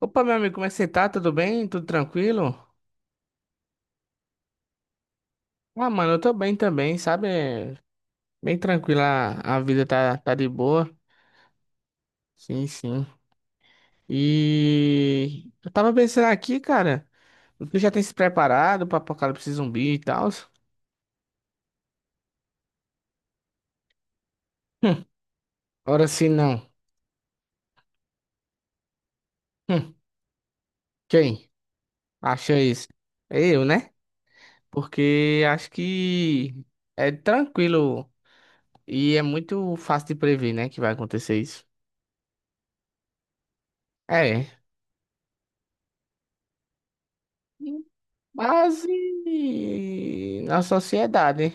Opa, meu amigo, como é que você tá? Tudo bem? Tudo tranquilo? Ah, mano, eu tô bem também, sabe? Bem tranquila, a vida tá de boa. Sim, sim. E eu tava pensando aqui, cara, tu já tem se preparado pra apocalipse zumbi e tal? Hum, ora se não. Hum, quem acha isso? É eu, né? Porque acho que é tranquilo e é muito fácil de prever, né, que vai acontecer isso. É. Base na sociedade.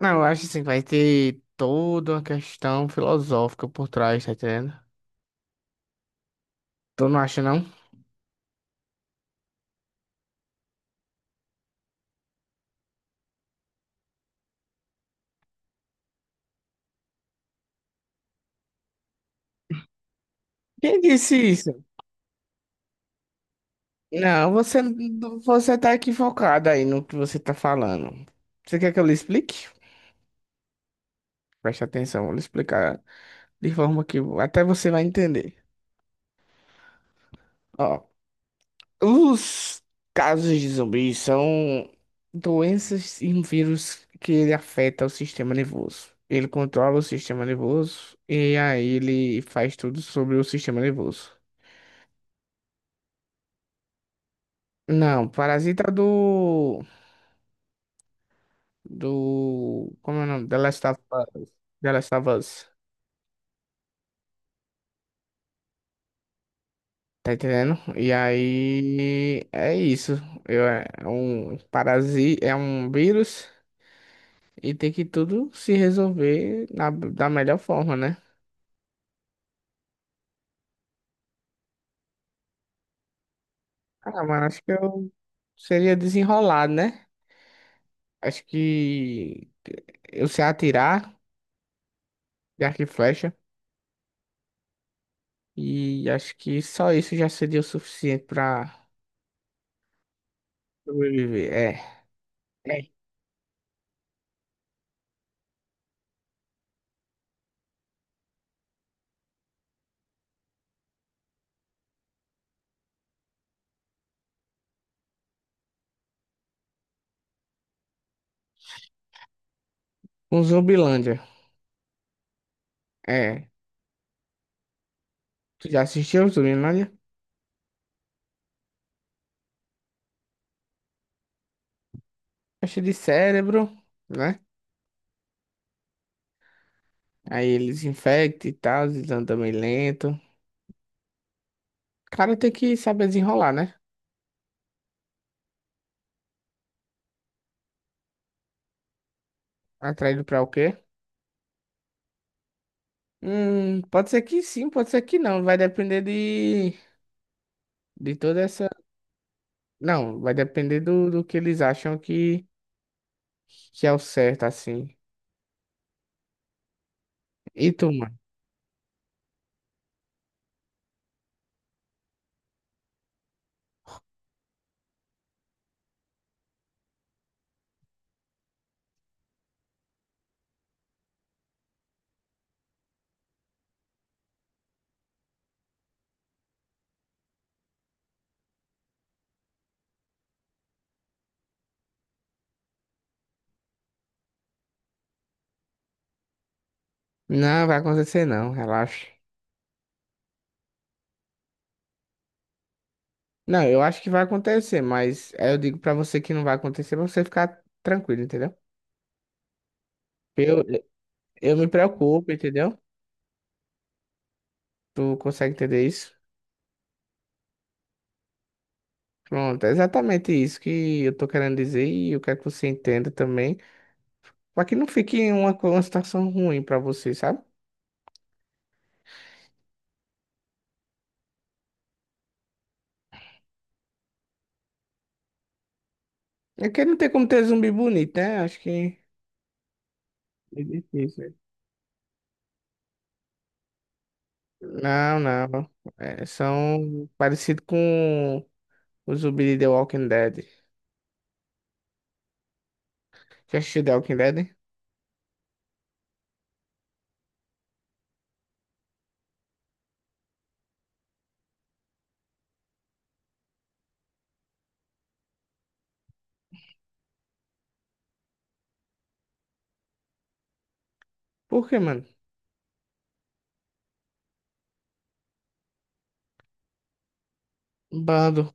Não, eu acho assim, vai ter toda uma questão filosófica por trás, tá entendendo? Tu não acha, não? Quem disse isso? Não, você tá equivocado aí no que você tá falando. Você quer que eu lhe explique? Preste atenção, vou lhe explicar de forma que até você vai entender. Ó. Os casos de zumbis são doenças e um vírus que ele afeta o sistema nervoso. Ele controla o sistema nervoso e aí ele faz tudo sobre o sistema nervoso. Não, Parasita é do como é o nome? The Last of Us. The Last of Us. Tá entendendo? E aí é isso. Eu, é um parasita, é um vírus e tem que tudo se resolver na, da melhor forma, né? Ah, mano, acho que eu seria desenrolado, né? Acho que eu sei atirar de arco e flecha. E acho que só isso já seria o suficiente pra sobreviver. É. É. Um Zumbilândia. É. Tu já assistiu o Zumbilândia? Acho de cérebro, né? Aí eles infectam e tal, eles andam meio lento. O cara tem que saber desenrolar, né? Atraído pra o quê? Pode ser que sim, pode ser que não. Vai depender de toda essa. Não, vai depender do que eles acham que é o certo, assim. E tu, mano? Não, vai acontecer não, relaxa. Não, eu acho que vai acontecer, mas aí eu digo pra você que não vai acontecer pra você ficar tranquilo, entendeu? Eu, eu me preocupo, entendeu? Tu consegue entender isso? Pronto, é exatamente isso que eu tô querendo dizer e eu quero que você entenda também. Pra que não fique uma, uma situação ruim pra você, sabe? É que não tem como ter zumbi bonito, né? Acho que é difícil. Não, não. É, são parecido com os zumbi de The Walking Dead. Já assistiu The Walking Dead? Por quê, mano? Bando.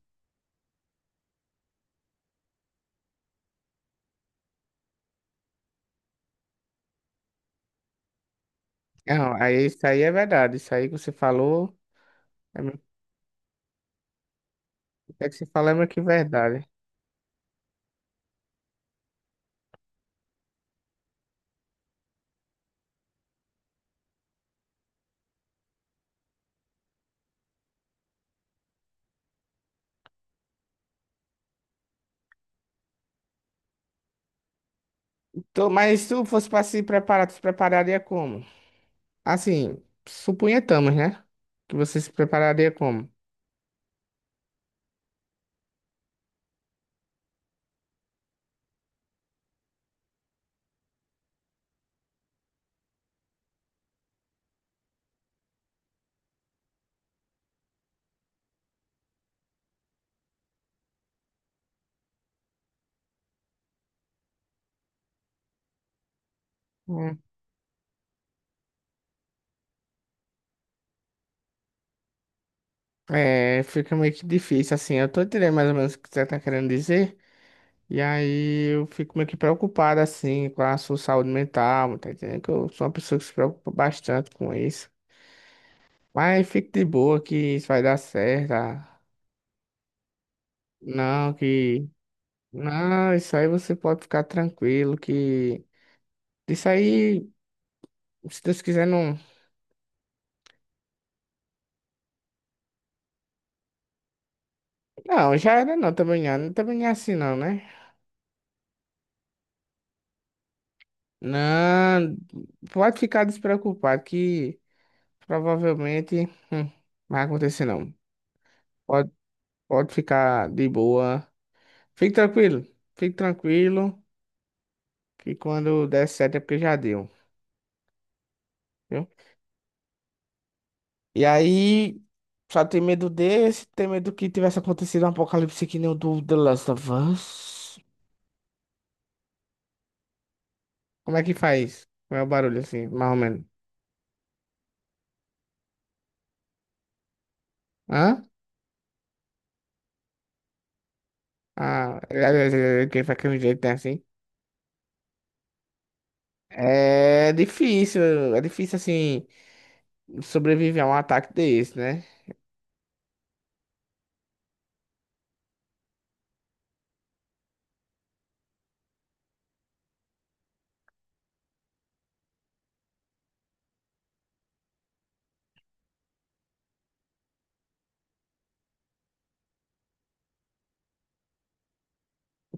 Não, aí isso aí é verdade. Isso aí que você falou, é, meio- é que você falou é meio que verdade. Tô, mas se tu fosse pra se preparar, tu se prepararia como? Assim, suponhamos, né? Que você se prepararia como? Hum. É, fica meio que difícil, assim. Eu tô entendendo mais ou menos o que você tá querendo dizer. E aí eu fico meio que preocupado assim com a sua saúde mental, tá entendendo? Que eu sou uma pessoa que se preocupa bastante com isso. Mas fique de boa que isso vai dar certo. Ah. Não, que. Não, isso aí você pode ficar tranquilo que. Isso aí, se Deus quiser, não. Não, já era não, também não, também não é assim não, né? Não, pode ficar despreocupado que provavelmente não vai acontecer não. Pode, pode ficar de boa. Fique tranquilo, fique tranquilo, que quando der certo é porque já deu, viu? E aí, só tem medo desse, tem medo que tivesse acontecido um apocalipse que nem o do The Last of Us. Como é que faz? Qual é o barulho assim, mais ou menos? Hã? Ah, é, quem faz aquele jeito né, assim? É difícil assim sobreviver a um ataque desse, né?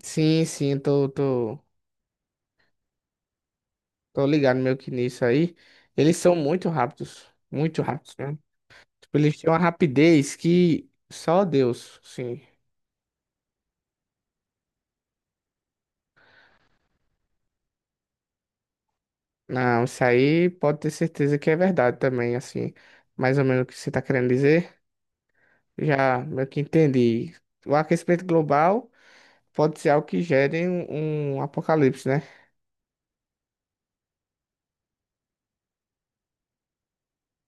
Sim, sim, tô ligado meio que nisso aí. Eles são muito rápidos, muito rápidos. Né? Tipo, eles têm uma rapidez que só Deus, sim. Não, isso aí pode ter certeza que é verdade também, assim. Mais ou menos o que você está querendo dizer. Já meio que entendi. O aquecimento global pode ser algo que gere um apocalipse, né?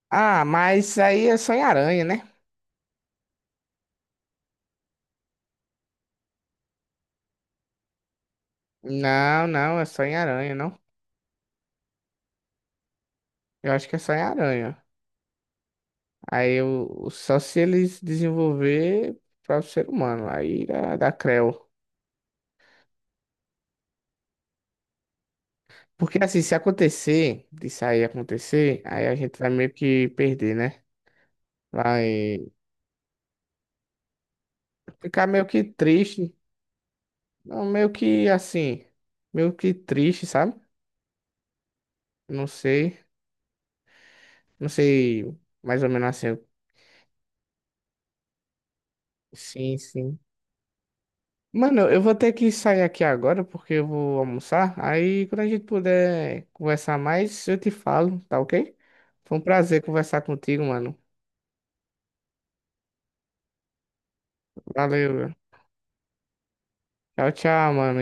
Ah, mas isso aí é só em aranha, né? Não, não, é só em aranha, não. Eu acho que é só em aranha. Aí eu, só se eles desenvolver para o ser humano. Aí dá, dá creu. Porque assim, se acontecer, de sair acontecer, aí a gente vai meio que perder, né? Vai ficar meio que triste. Não, meio que assim, meio que triste, sabe? Não sei, não sei mais ou menos assim. Sim, sim. Mano, eu vou ter que sair aqui agora porque eu vou almoçar. Aí quando a gente puder conversar mais, eu te falo, tá, ok? Foi um prazer conversar contigo, mano. Valeu, meu. Tchau, tchau, mano.